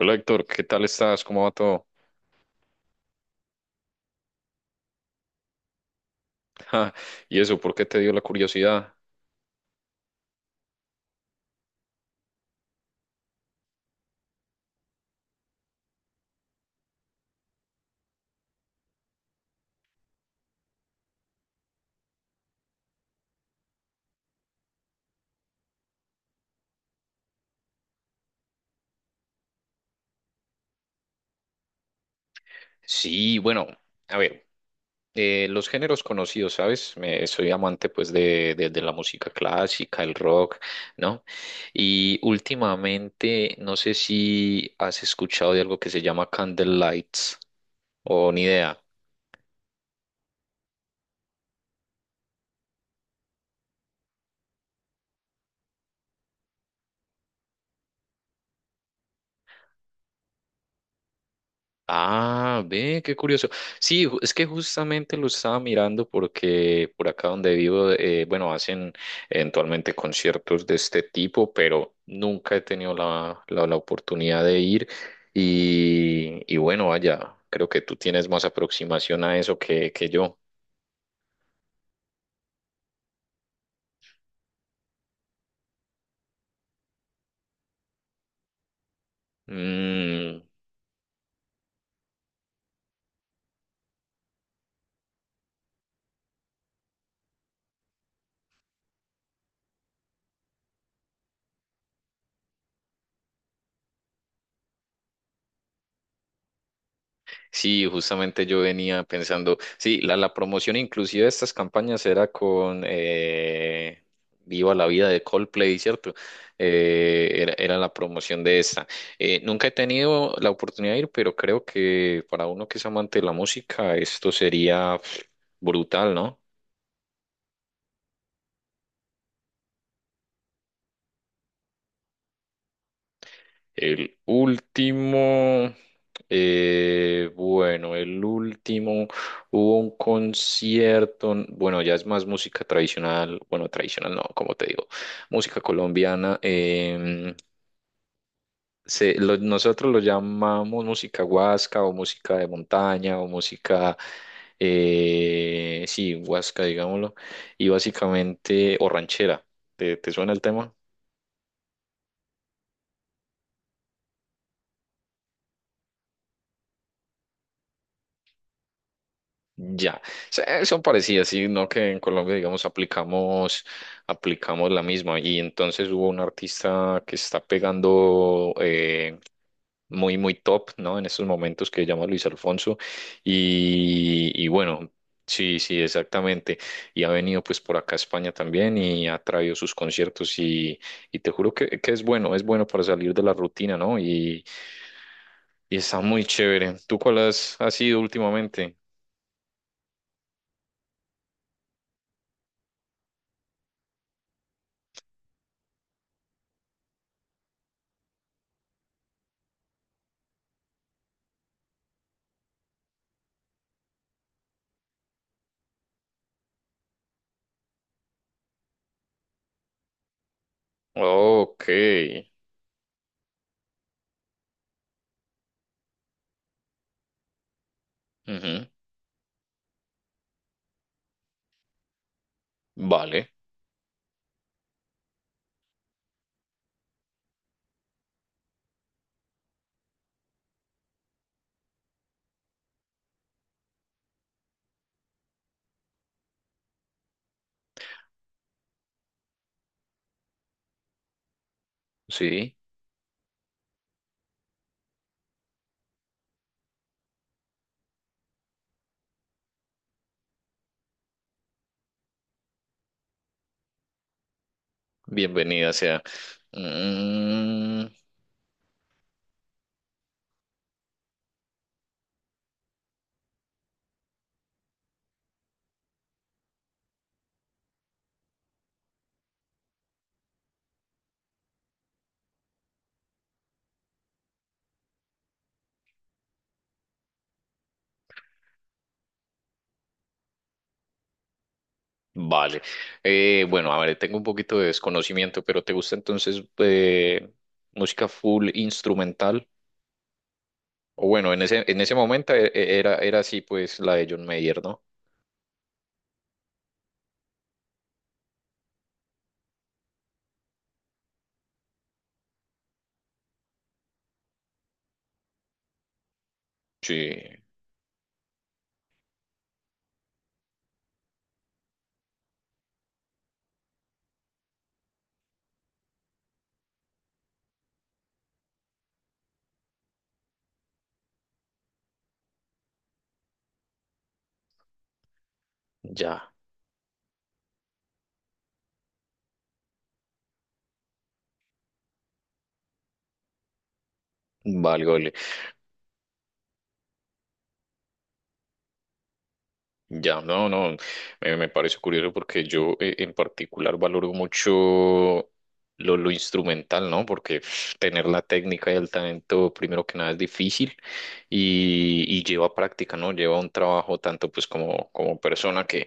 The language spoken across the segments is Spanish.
Hola Héctor, ¿qué tal estás? ¿Cómo va todo? Ja, ¿y eso por qué te dio la curiosidad? Sí, bueno, a ver, los géneros conocidos, ¿sabes? Soy amante pues de la música clásica, el rock, ¿no? Y últimamente, no sé si has escuchado de algo que se llama Candlelights o ni idea. Ah, ve, qué curioso. Sí, es que justamente lo estaba mirando porque por acá donde vivo, bueno, hacen eventualmente conciertos de este tipo, pero nunca he tenido la oportunidad de ir. Y bueno, vaya, creo que tú tienes más aproximación a eso que yo. Mm. Sí, justamente yo venía pensando, sí, la promoción inclusive de estas campañas era con Viva la vida de Coldplay, ¿cierto? Era la promoción de esta. Nunca he tenido la oportunidad de ir, pero creo que para uno que es amante de la música, esto sería pf, brutal, ¿no? El último, bueno, el último hubo un concierto, bueno, ya es más música tradicional, bueno, tradicional no, como te digo, música colombiana. Nosotros lo llamamos música huasca o música de montaña o música, sí, huasca, digámoslo, y básicamente, o ranchera. ¿Te, te suena el tema? Ya. Sí, son parecidas, sino que en Colombia, digamos, aplicamos la misma. Y entonces hubo un artista que está pegando muy, muy top, ¿no? En estos momentos que se llama Luis Alfonso. Y bueno, sí, sí, exactamente. Y ha venido pues por acá a España también y ha traído sus conciertos y te juro que es bueno para salir de la rutina, ¿no? Y está muy chévere. ¿Tú cuál has, has ido últimamente? Ok. Ujú, vale, sí, bienvenida sea. Mm, vale. Bueno, a ver, tengo un poquito de desconocimiento, pero ¿te gusta entonces música full instrumental? O bueno, en ese momento era, era así pues la de John Mayer, ¿no? Sí, ya, vale, vale. Ya, no, no, me parece curioso porque yo en particular valoro mucho lo instrumental, ¿no? Porque pf, tener la técnica y el talento, primero que nada, es difícil y lleva práctica, ¿no? Lleva un trabajo tanto pues como, como persona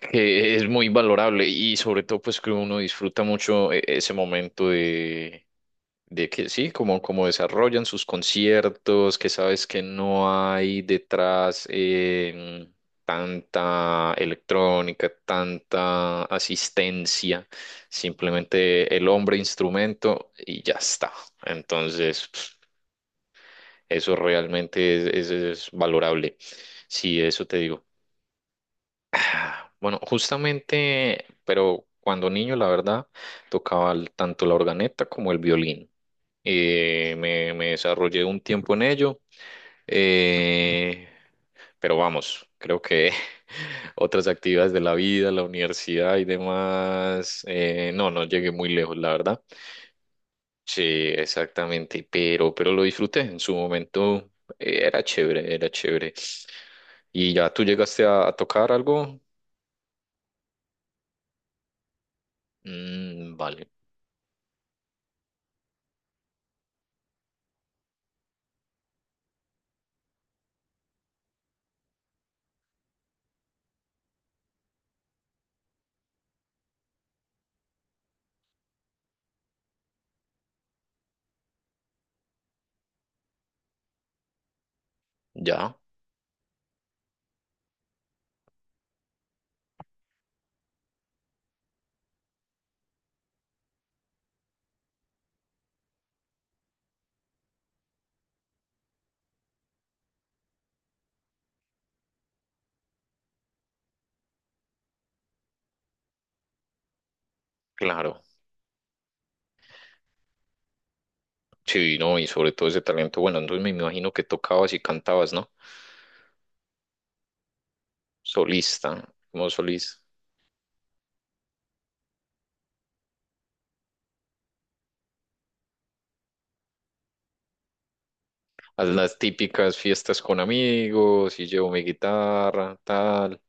que es muy valorable y sobre todo pues que uno disfruta mucho ese momento de que sí, como, como desarrollan sus conciertos, que sabes que no hay detrás tanta electrónica, tanta asistencia, simplemente el hombre instrumento y ya está. Entonces, pf, eso realmente es es valorable. Sí, eso te digo. Ah, bueno, justamente, pero cuando niño, la verdad, tocaba tanto la organeta como el violín. Me desarrollé un tiempo en ello, eh, pero vamos, creo que otras actividades de la vida, la universidad y demás, no, no llegué muy lejos, la verdad. Sí, exactamente, pero lo disfruté en su momento, era chévere, era chévere. ¿Y ya tú llegaste a tocar algo? Mm, vale, ya, claro. Sí, no, y sobre todo ese talento. Bueno, entonces me imagino que tocabas y cantabas, ¿no? Solista, como solista. Haz las típicas fiestas con amigos y llevo mi guitarra, tal.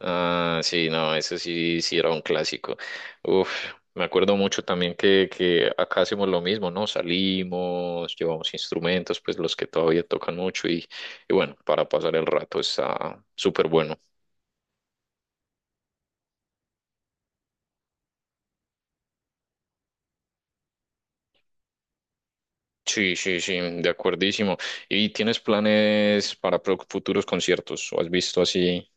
Ah, sí, no, ese sí, sí era un clásico. Uf, me acuerdo mucho también que acá hacemos lo mismo, ¿no? Salimos, llevamos instrumentos, pues los que todavía tocan mucho y bueno, para pasar el rato está súper bueno. Sí, sí, sí, de acuerdísimo. ¿Y tienes planes para futuros conciertos? ¿O has visto así?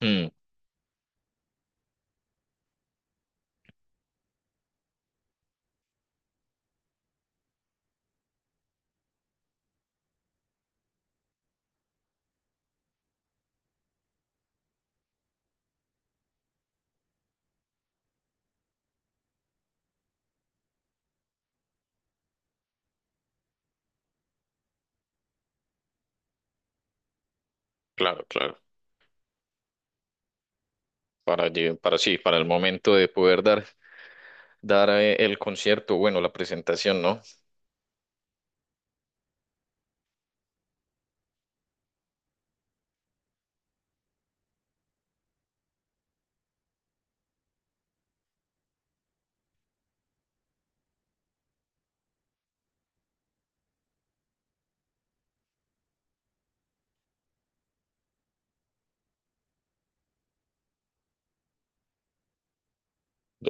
Mm, claro, claro. Para, para sí, para el momento de poder dar, dar el concierto, bueno, la presentación, ¿no?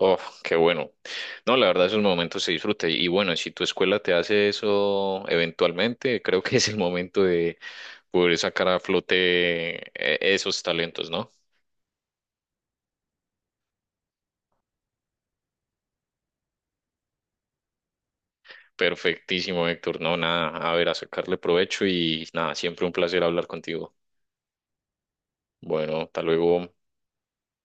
Oh, qué bueno. No, la verdad, esos momentos se disfruta. Y bueno, si tu escuela te hace eso eventualmente, creo que es el momento de poder sacar a flote esos talentos, ¿no? Perfectísimo, Héctor. No, nada, a ver, a sacarle provecho y nada, siempre un placer hablar contigo. Bueno, hasta luego.